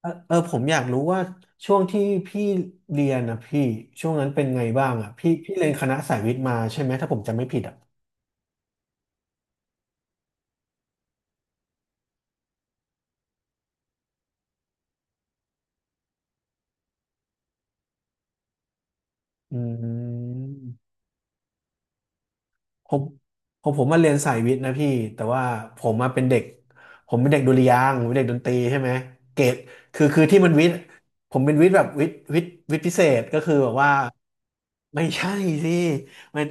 เออผมอยากรู้ว่าช่วงที่พี่เรียนนะพี่ช่วงนั้นเป็นไงบ้างอ่ะพี่พี่เรียนคณะสายวิทย์มาใช่ไหมถ้าผมจำไม่ผิดอ่ะอืมผมผมมาเรียนสายวิทย์นะพี่แต่ว่าผมมาเป็นเด็กผมเป็นเด็กดุริยางค์ผมเป็นเด็กดนตรีใช่ไหมเกรดคือที่มันวิทย์ผมเป็นวิทย์แบบวิทย์พิเศษก็คือแบบว่า ไม่ใช่สิมัน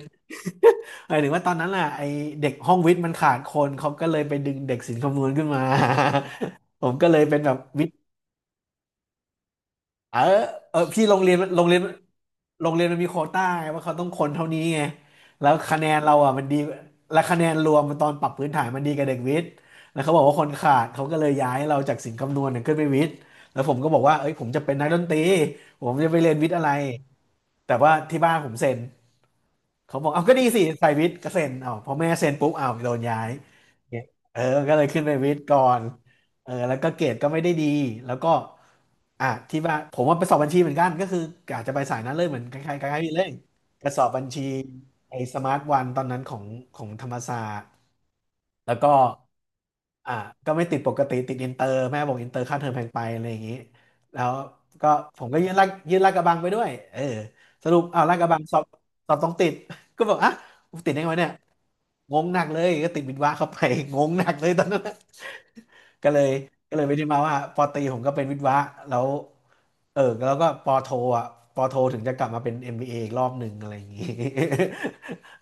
หมายถึงว่าตอนนั้นน่ะไอเด็กห้องวิทย์มันขาดคนเขาก็เลยไปดึงเด็กศิลป์คำนวณขึ้นมา ผมก็เลยเป็นแบบวิทย์เออเออพี่โรงเรียนมันมีโควต้าไงว่าเขาต้องคนเท่านี้ไงแล้วคะแนนเราอ่ะมันดีและคะแนนรวมมันตอนปรับพื้นฐานมันดีกับเด็กวิทย์แล้วเขาบอกว่าคนขาดเขาก็เลยย้ายเราจากศิลป์คำนวณเนี่ยขึ้นไปวิทย์แล้วผมก็บอกว่าเอ้ยผมจะเป็นนักดนตรีผมจะไปเรียนวิทย์อะไรแต่ว่าที่บ้านผมเซ็น เขาบอกเอาก็ดีสิใส่วิทย์ก็เซ็นเอาพอแม่เซ็นปุ๊บเอาโดนย้ายเนี่ยเออ ก็เลยขึ้นไปวิทย์ก่อนเออแล้วก็เกรดก็ไม่ได้ดีแล้วก็อ่ะที่ว่าผมว่าไปสอบบัญชีเหมือนกันก็คืออาจจะไปสายนั้นเลยเหมือนคล้ายๆคล้ายๆพี่เล่งรปสอบบัญชีไอ้สมาร์ทวันตอนนั้นของธรรมศาสตร์ แล้วก็อ่าก็ไม่ติดปกติติดอินเตอร์แม่บอกอินเตอร์ค่าเทอมแพงไปอะไรอย่างนี้แล้วก็ผมก็ยื่นลาดยื่นลากกระบังไปด้วยเออสรุปอ้าวลากกระบังสอบสอบต้องติด ก็บอกอ่ะกูติดได้ไงวะเนี่ยงงหนักเลยก็ติดวิทย์วะเข้าไป งงหนักเลยตอนนั้นน่ะก็เลยก็เลยไปที่มาว่าปอตรีผมก็เป็นวิทย์วะแล้วเออแล้วก็ปอโทอ่ะปอโทถึงจะกลับมาเป็น MBA อมบีเออีกรอบหนึ่งอะไรอย่างนี้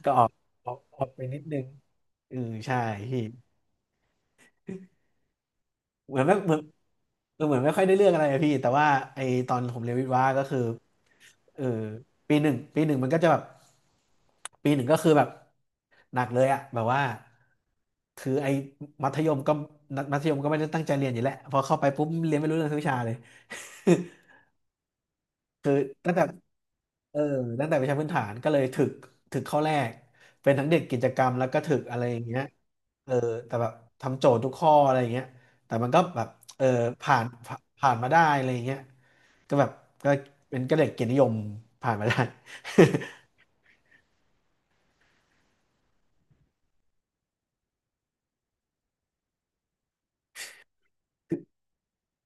ก็ออกออกไปนิดนึงอือใช่พี่ เหมือนไม่เหมือนเออเหมือนไม่ค่อยได้เรื่องอะไรอะพี่แต่ว่าไอตอนผมเรียนวิทย์วะก็คือเออปีหนึ่งมันก็จะแบบปีหนึ่งก็คือแบบหนักเลยอะแบบว่าคือไอ้มัธยมก็มัธยมก็ไม่ได้ตั้งใจเรียนอยู่แล้วพอเข้าไปปุ๊บเรียนไม่รู้เรื่องสักวิชาเลย คือตั้งแต่เออตั้งแต่วิชาพื้นฐานก็เลยถึกถึกข้อแรกเป็นทั้งเด็กกิจกรรมแล้วก็ถึกอะไรอย่างเงี้ยเออแต่แบบทำโจทย์ทุกข้ออะไรอย่างเงี้ยแต่มันก็แบบเออผ่านมาได้อะไรอย่างเงี้ยก็แบบก็เป็นเด็กเกียรตินิยมผ่านมาได้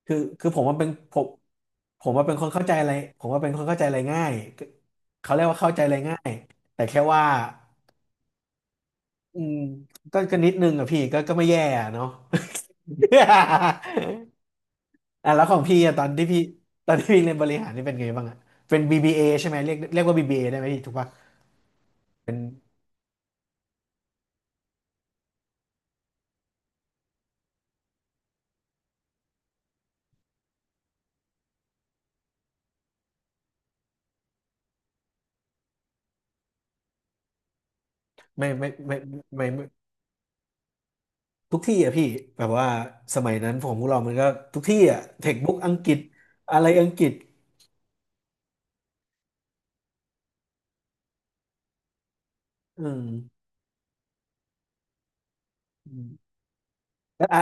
คือผมว่าเป็นผมผมว่าเป็นคนเข้าใจอะไรผมว่าเป็นคนเข้าใจอะไรง่ายก็เขาเรียกว่าเข้าใจอะไรง่ายแต่แค่ว่า อืมก็นิดนึงอะพี่ก็ไม่แย่อะเนาะ อ่ะแล้วของพี่อะตอนที่พี่ตอนที่พี่เรียนบริหารนี่เป็นไงบ้างอะเป็น BBA ใช่ไหมเรียกว่า BBA ได้ไหมพี่ถูกปะเป็นไม่ทุกที่อะพี่แบบว่าสมัยนั้นผมพวกเรามันก็ทุกที่อะเทคบุ๊กอังกฤษอะไรอังกฤษอืมอืมอ่ะอ่ะ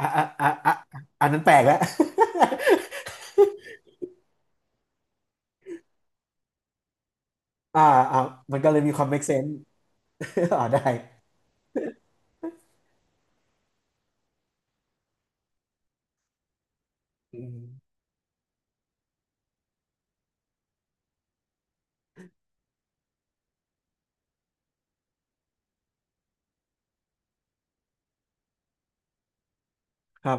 อ่ะอันนั้นแปลกแล้ว อ่าอ่ามันก็เลยมีความ make sense อ่าได้อืมครับ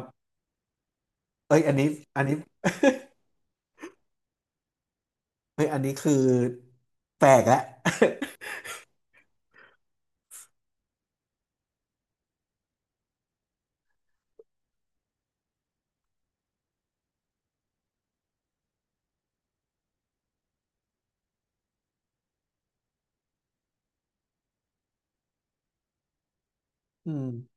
เอ้ยอันนี้อันนี้เอ้ยอันนี้คือแปลกแล้ว อืม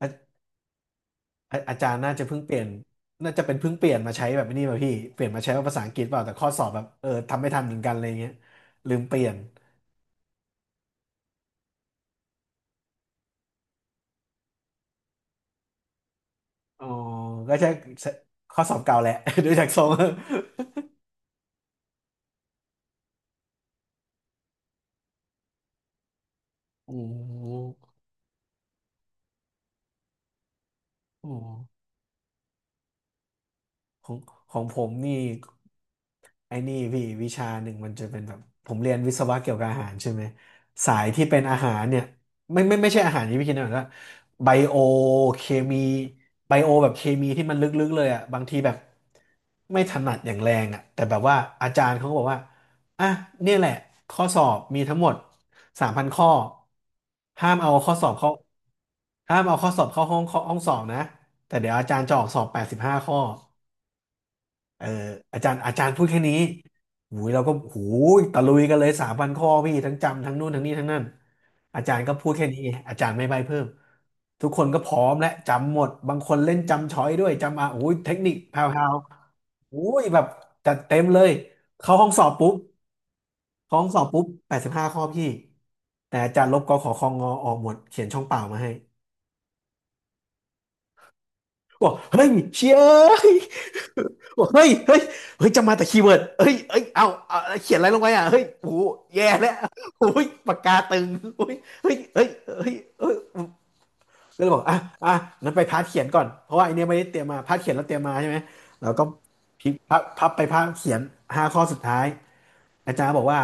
อาอาจารย์น่าจะเพิ่งเปลี่ยน น่าจะเป็นเพิ่งเปลี่ยนมาใช้แบบนี้มาพี่เปลี่ยนมาใช้ว่าภาษาอังกฤษเปล่าแต่ข้อสอบแบบเออทำไม่ทันเหมือนกันอะไรเงี้ยลืมเปลี่ยนอ๋อก็ใช่ข้อสอบเก่าแหละ ดูจากทรง โอ้โห ของของผมนี่ไอ้นี่พี่วิชาหนึ่งมันจะเป็นแบบผมเรียนวิศวะเกี่ยวกับอาหารใช่ไหมสายที่เป็นอาหารเนี่ยไม่ใช่อาหารที่พี่คิดนะแบบว่าไบโอเคมีไบโอแบบเคมีที่มันลึกๆเลยอ่ะบางทีแบบไม่ถนัดอย่างแรงอ่ะแต่แบบว่าอาจารย์เขาก็บอกว่าอ่ะเนี่ยแหละข้อสอบมีทั้งหมด3,000 ข้อห้ามเอาข้อสอบเข้าห้ามเอาข้อสอบเข้าห้องห้องสอบนะแต่เดี๋ยวอาจารย์จะออกสอบ85 ข้อ เอออาจารย์พูดแค่นี้หูยเราก็หูยตะลุยกันเลย3,000 ข้อพี่ทั้งจำทั้งนู่นทั้งนี้ทั้งนั้นอาจารย์ก็พูดแค่นี้ไงอาจารย์ไม่ใบ้เพิ่มทุกคนก็พร้อมและจำหมดบางคนเล่นจำช้อยด้วยจำอ่ะโอ้ยเทคนิคแผ่วๆโอ้ยแบบจัดเต็มเลยเข้าห้องสอบปุ๊บเข้าห้องสอบปุ๊บ85 ข้อพี่แต่อาจารย์ลบกขอคองงอออกหมดเขียนช่องเปล่ามาให้ บอกเฮ้ยเชียบอกเฮ้ยเฮ้ยจำมาแต่คีย์เวิร์ดเฮ้ยเอาเขียนอะไรลงไปอ่ะเฮ้ยโอ้โหแย่แล้วโอ้ยปากกาตึงโอ้ยเฮ้ยก็เลยบอก อ่ะงั้นไปพาร์ทเขียนก่อน เพราะว่าไอเนี้ยไม่ได้เตรียมมาพาร์ทเขียนเราเตรียมมาใช่ไหมเราก็พลิกพพับพับไปพาร์ทเขียนห้าข้อสุดท้าย อาจารย์บอกว่า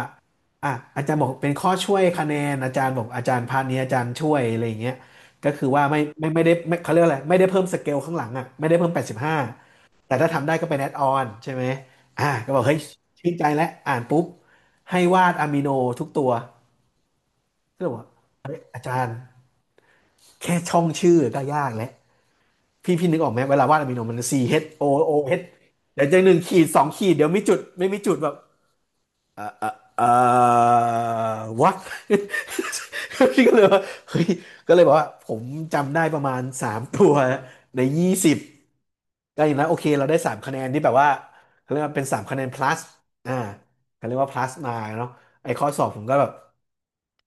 อ่ะอาจารย์บอกเป็นข้อช่วยคะแนนอาจารย์บอกอาจารย์พาร์ทนี้อาจารย์ช่วยอะไรอย่างเงี้ยก็คือว่าไม่ไม่ไม่ได้ไม่เขาเรียกอะไรไม่ได้เพิ่มสเกลข้างหลังอ่ะไม่ได้เพิ่มแปดสิบห้าแต่ถ้าทำได้ก็เป็นแอดออนใช่ไหมอ่ะก็บอกเฮ้ยชื่นใจแล้วอ่านปุ๊บให้วาดอะมิโนทุกตัวก็เลยบอกว่าอาจารย์แค่ช่องชื่อก็ยากแล้วพี่นึกออกไหมเวลาวาดอะมิโนมัน C H O O H เอชเดี๋ยวจะหนึ่งขีดสองขีดเดี๋ยวมีจุดไม่มีจุดแบบ อ่าอ่าอ่า w h a พี่ก็เลยว่าเฮ้ยก็เลยบอกว่าผมจำได้ประมาณ3 ตัวในยี่สิบก็อย่างนั้นโอเคเราได้สามคะแนนที่แบบว่าเขาเรียกว่าเป็นสามคะแนน plus อ่าเขาเรียกว่า plus มาเนาะไอ้ข้อสอบผมก็แบบ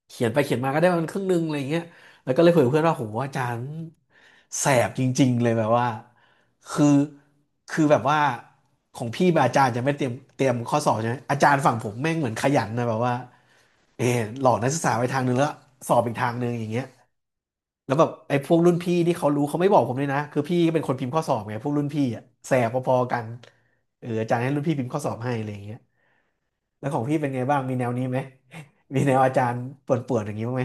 เขียนไปเขียนมาก็ได้มันครึ่งหนึงอะไรเงี้ยแล้วก็เลยคุยกับเพื่อนว่าโหอาจารย์แสบจริงๆเลยแบบว่าคือคือแบบว่าของพี่แบบอาจารย์จะไม่เตรียมข้อสอบใช่ไหมอาจารย์ฝั่งผมแม่งเหมือนขยันนะแบบว่าเออหลอกนักศึกษาไปทางนึงแล้วสอบอีกทางนึงอย่างเงี้ยแล้วแบบไอ้พวกรุ่นพี่ที่เขารู้เขาไม่บอกผมเลยนะคือพี่ก็เป็นคนพิมพ์ข้อสอบไงพวกรุ่นพี่อะแสบพอๆกันอาจารย์ให้รุ่นพี่พิมพ์ข้อสอบให้อะไรอย่างเงี้ย แล้วของพี่เป็นไงบ้างมีแนวนี้ไหม มีแนวอาจารย์ป่วนๆอย่างนี้บ้างไหม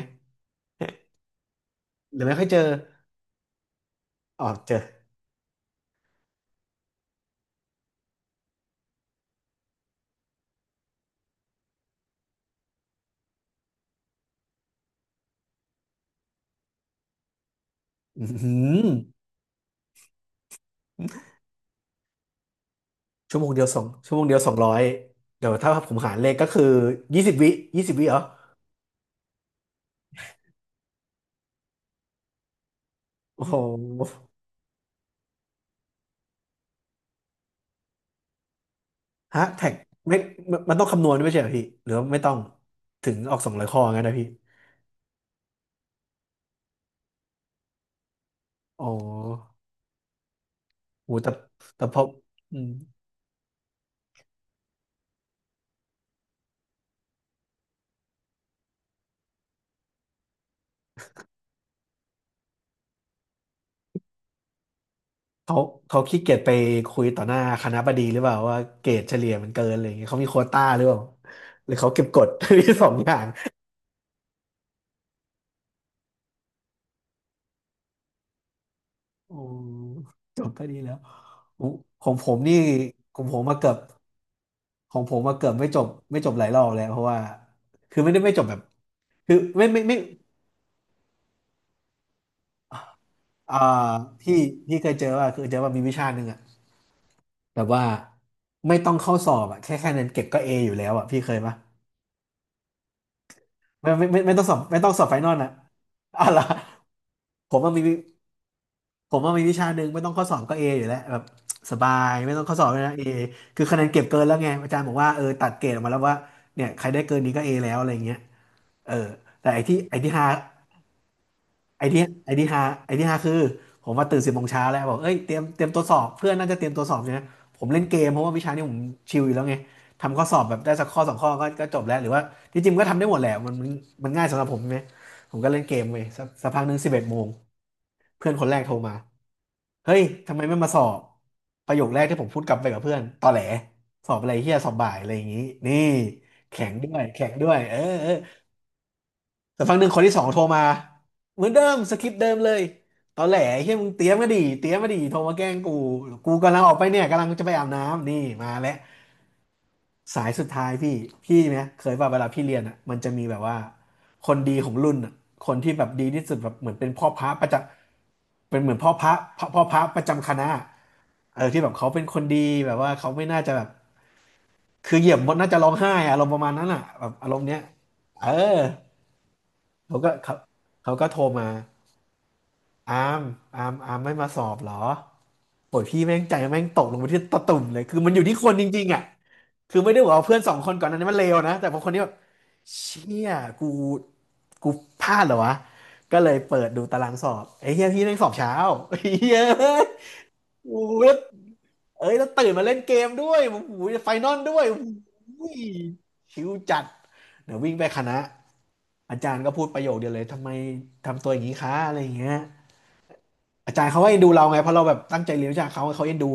หรือไม่ค่อยเจออ๋อเจออืมชั่วโมงเดียวสองชั่วโมงเดียวสองร้อยเดี๋ยวถ้าผมหารเลขก็คือยี่สิบวิยี่สิบวิเหรอโอ้โหฮะแท็กไม่มันต้องคำนวณด้วยไม่ใช่เหรอพี่หรือว่าไม่ต้องถึงออก200 ข้องั้นนะพี่อ๋อโหแต่พออืมเขาเขาขี้เกียจไปคุยต่อหน้าคณบดีหรือเปล่าว่าเกรดเฉลี่ยมันเกินอะไรอย่างเงี้ยเขามีโควต้าหรือเปล่าหรือเขาเก็บกด ทีสองอย่าง โอ้จบก็ดีแล้วของของผมนี่ของผมมาเกือบของผมมาเกือบไม่จบหลายรอบแล้วเพราะว่าคือไม่จบแบบคือไม่ไม่ไม่อ่าพี่พี่เคยเจอว่าคือเจอว่ามีวิชาหนึ่งอะแบบว่าไม่ต้องเข้าสอบอะแค่คะแนนเก็บก็เออยู่แล้วอะพี่เคยปะไม่ต้องสอบไฟนอลอะอะไรอผมว่ามี ผมว่ามีวิชาหนึ่งไม่ต้องข้อสอบก็เออยู่แล้วแบบสบายไม่ต้องข้อสอบเลยนะเอคือคะแนนเก็บเกินแล้วไงอาจารย์บอกว่าเออตัดเกรดออกมาแล้วว่าเนี่ยใครได้เกินนี้ก็เอแล้วอะไรเงี้ยเออแต่ไอ้ที่ไอ้ที่ฮาไอ้ที่ฮาคือผมว่าตื่น10 โมงเช้าแล้วบอกเอ้ยเตรียมตัวสอบเพื่อนน่าจะเตรียมตัวสอบใช่ไหมผมเล่นเกมเพราะว่าวิชานี้ผมชิลอยู่แล้วไงทำข้อสอบแบบได้สักข้อสองข้อก็จบแล้วหรือว่าที่จริงๆก็ทำได้หมดแหละมันง่ายสำหรับผมใช่ไหมผมก็เล่นเกมไปสักพักหนึ่ง11 โมง เพื่อนคนแรกโทรมา เฮ้ยทำไมไม่มาสอบประโยคแรกที่ผมพูดกลับไปกับเพื่อนตอแหลสอบอะไรเฮียสอบบ่ายอะไรอย่างนี้นี่แข็งด้วย แข็งด้วยเออแต่ฟังหนึ่งคนที่สองโทรมา เหมือนเดิมสคริปต์เดิมเลยตอแหลเฮียมึงเตรียมมาดิเตรียมมาดิโทรมาแกล้งกูกำลังออกไปเนี่ยกำลังจะไปอาบน้ำนี่มาแล้ว สายสุดท้ายพี่พี่เนี่ยเคยว่าเวลาพี่เรียนอ่ะมันจะมีแบบว่าคนดีของรุ่นอ่ะคนที่แบบดีที่สุดแบบเหมือนเป็นพ่อพระประจำเป็นเหมือนพ่อพระพ่อพระประจำคณะเออที่แบบเขาเป็นคนดีแบบว่าเขาไม่น่าจะแบบคือเหยียบมดน่าจะร้องไห้อะอารมณ์ประมาณนั้นอ่ะแบบอารมณ์เนี้ยเออเขาก็เขาเขาก็โทรมาอาร์มอาร์มไม่มาสอบเหรอโอ้ยพี่แม่งใจแม่งตกลงไปที่ตะตุ่มเลยคือมันอยู่ที่คนจริงๆอ่ะ คือไม่ได้บอกว่าเพื่อนสองคนก่อนหนั้านนมันเลวนะแต่พอคนนี้แบบเชี่ยกูกูพลาดเหรอวะก็เลยเปิดดูตารางสอบไอ้เฮียพี่แม่งสอบเช้า เฮียเอ้ยโอ้ยแล้วเอ้ยแล้วตื่นมาเล่นเกมด้วยโอ้โหไฟนอลด้วยโอ้โหชิวจัดเดี๋ยววิ่งไปคณะอาจารย์ก็พูดประโยคเดียวเลยทำไมทำตัวอย่างนี้คะอะไรอย่างเงี้ย อาจารย์เขาก็เอ็นดูเราไงเพราะเราแบบตั้งใจเรียนวิชาเขาเขาเอ็นดู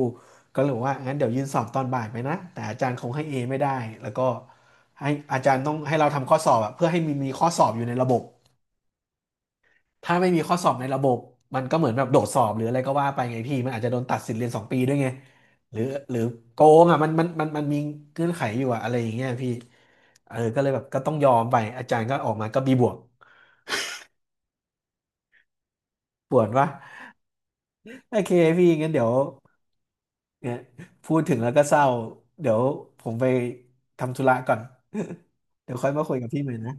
ก็เลยบอกว่างั้นเดี๋ยวยื่นสอบตอนบ่ายไปนะแต่อาจารย์คงให้เอไม่ได้แล้วก็ให้อาจารย์ต้องให้เราทำข้อสอบอะเพื่อให้มีข้อสอบอยู่ในระบบถ้าไม่มีข้อสอบในระบบมันก็เหมือนแบบโดดสอบหรืออะไรก็ว่าไปไงพี่มันอาจจะโดนตัดสิทธิ์เรียนสองปีด้วยไงหรือหรือโกงอ่ะมันมีเงื่อนไขอยู่อะอะไรอย่างเงี้ยพี่เออก็เลยแบบก็ต้องยอมไปอาจารย์ก็ออกมาก็บีบวกปวดวะโอเคพี่งั้นเดี๋ยว เนี่ยพูดถึงแล้วก็เศร้าเดี๋ยวผมไปทำธุระก่อน เดี๋ยวค่อยมาคุยกับพี่ใหม่นะ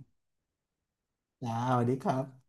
จ้าสวัสดีครับ